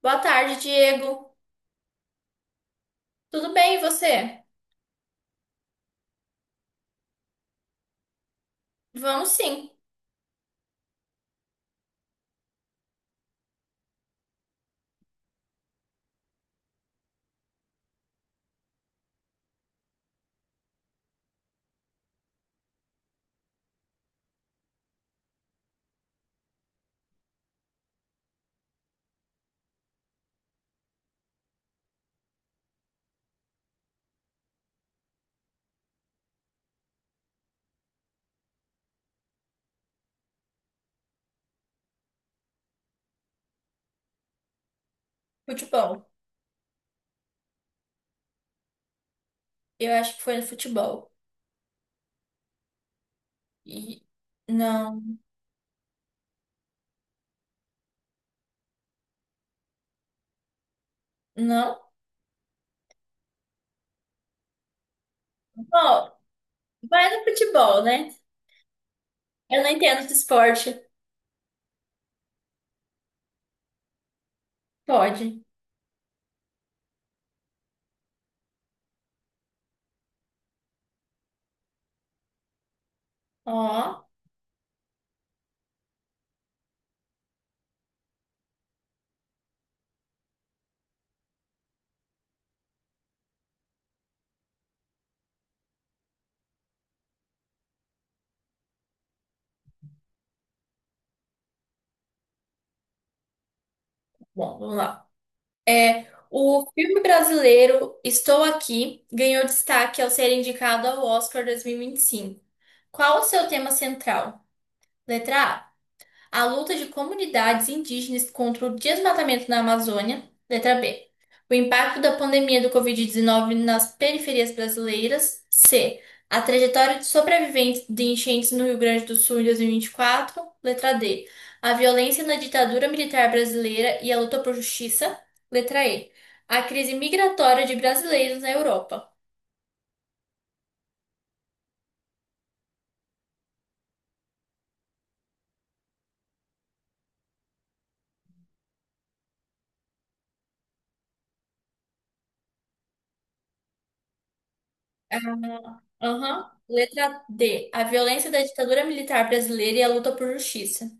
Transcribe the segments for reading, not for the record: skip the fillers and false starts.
Boa tarde, Diego. Tudo bem, e você? Vamos sim. Futebol. Eu acho que foi no futebol. E não, não. Bom, vai no futebol, né? Eu não entendo de esporte. Pode. Ó, bom, vamos lá. É, o filme brasileiro Estou Aqui ganhou destaque ao ser indicado ao Oscar 2025. Qual o seu tema central? Letra A. A luta de comunidades indígenas contra o desmatamento na Amazônia. Letra B. O impacto da pandemia do Covid-19 nas periferias brasileiras. C. A trajetória de sobreviventes de enchentes no Rio Grande do Sul em 2024. Letra D. A violência na ditadura militar brasileira e a luta por justiça. Letra E. A crise migratória de brasileiros na Europa. Aham. Letra D. A violência da ditadura militar brasileira e a luta por justiça.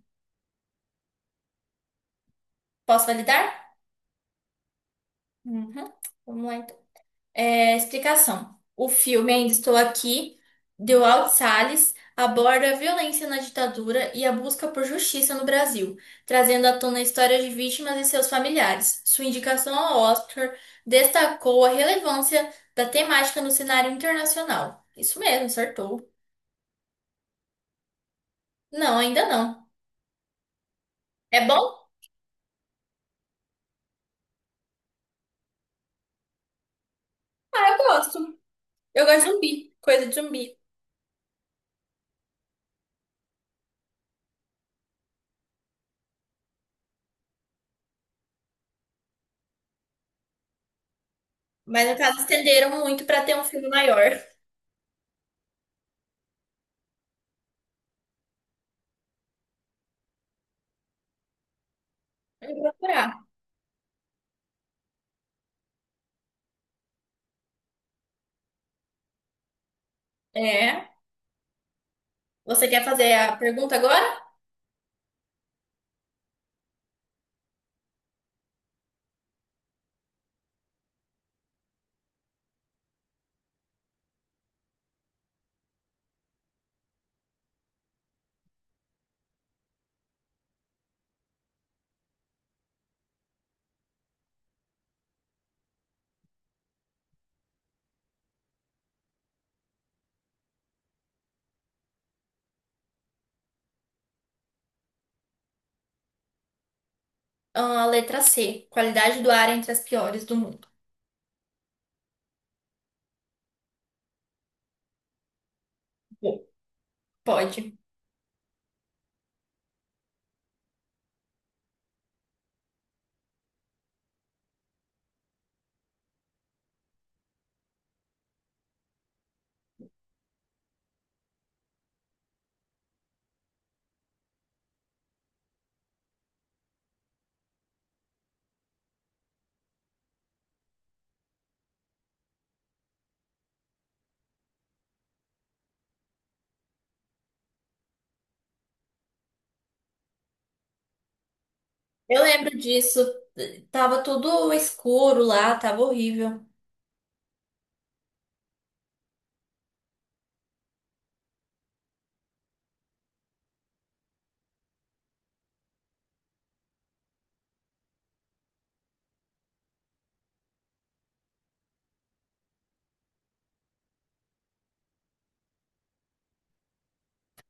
Posso validar? Uhum. Vamos lá, então. É, explicação. O filme Ainda Estou Aqui, de Walt Salles, aborda a violência na ditadura e a busca por justiça no Brasil, trazendo à tona histórias de vítimas e seus familiares. Sua indicação ao Oscar destacou a relevância da temática no cenário internacional. Isso mesmo, acertou. Não, ainda não. É bom? Ah, eu gosto. Eu gosto de zumbi, coisa de zumbi. Mas no caso estenderam muito para ter um filme maior. Eu vou procurar. É. Você quer fazer a pergunta agora? Ah, a letra C. Qualidade do ar entre as piores do mundo. Bom, pode. Eu lembro disso. Tava tudo escuro lá, tava horrível.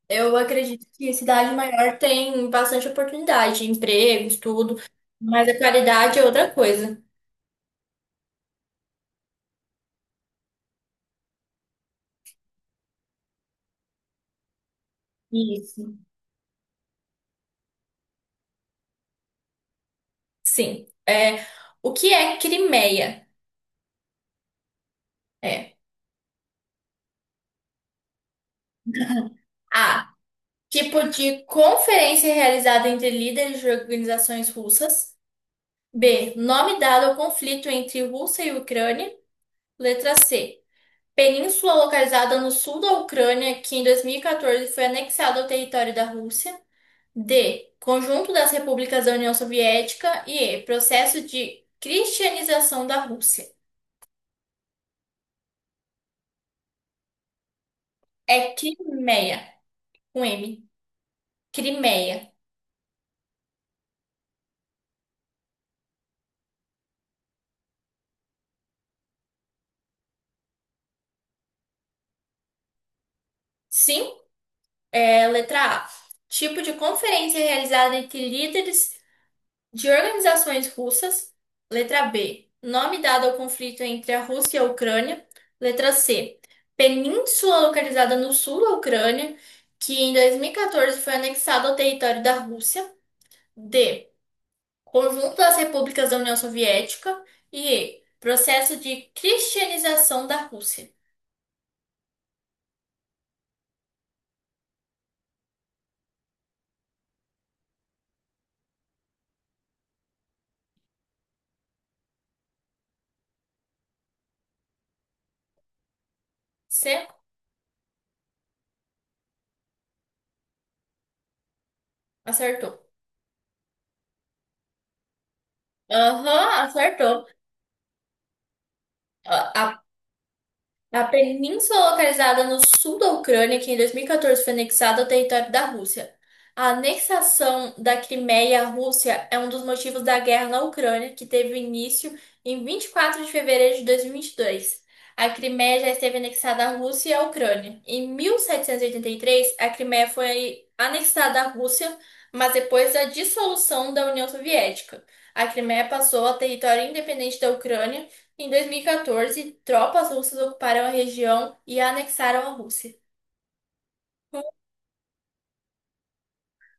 Eu acredito que cidade maior tem bastante oportunidade, empregos, tudo. Mas a qualidade é outra coisa. Isso. Sim. É, o que é Crimeia? É. A. Tipo de conferência realizada entre líderes de organizações russas. B. Nome dado ao conflito entre Rússia e Ucrânia. Letra C. Península localizada no sul da Ucrânia, que em 2014 foi anexada ao território da Rússia. D. Conjunto das repúblicas da União Soviética. E. Processo de cristianização da Rússia. É Crimeia, com M. Crimeia. Sim, é, letra A. Tipo de conferência realizada entre líderes de organizações russas. Letra B. Nome dado ao conflito entre a Rússia e a Ucrânia. Letra C. Península localizada no sul da Ucrânia, que em 2014 foi anexada ao território da Rússia. D. Conjunto das repúblicas da União Soviética. E. Processo de cristianização da Rússia. C. Acertou. Aham, acertou. A a a península localizada no sul da Ucrânia, que em 2014 foi anexada ao território da Rússia. A anexação da Crimeia à Rússia é um dos motivos da guerra na Ucrânia, que teve início em 24 de fevereiro de 2022. A Crimeia já esteve anexada à Rússia e à Ucrânia. Em 1783, a Crimeia foi anexada à Rússia, mas depois da dissolução da União Soviética. A Crimeia passou a território independente da Ucrânia em 2014, tropas russas ocuparam a região e a anexaram a Rússia.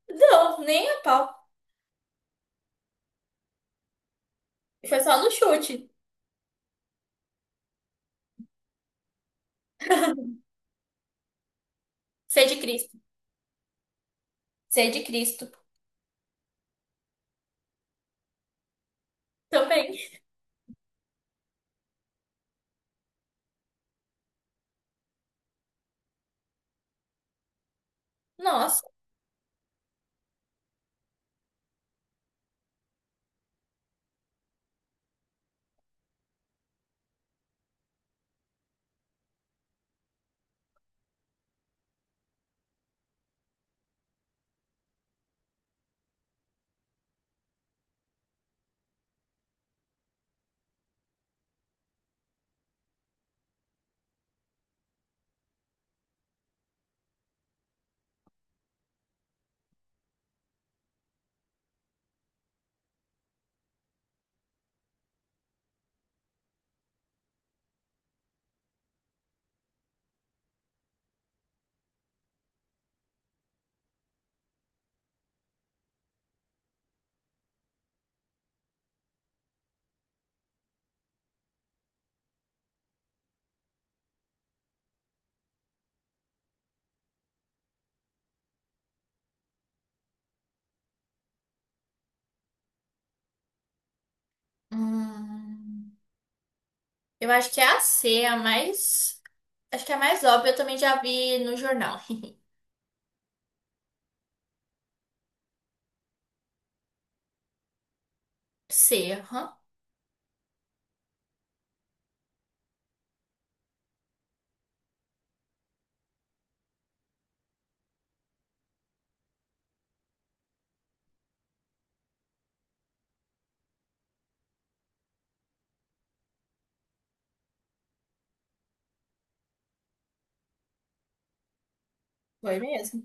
Não, nem a pau. Foi só no chute. Sei de Cristo. Sei de Cristo. Também. Nossa. Hum, eu acho que é a C, a mais. Acho que é a mais óbvia, eu também já vi no jornal. C, aham. Foi mesmo.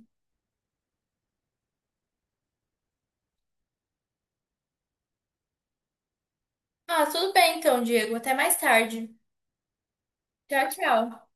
Ah, tudo bem então, Diego. Até mais tarde. Tchau, tchau.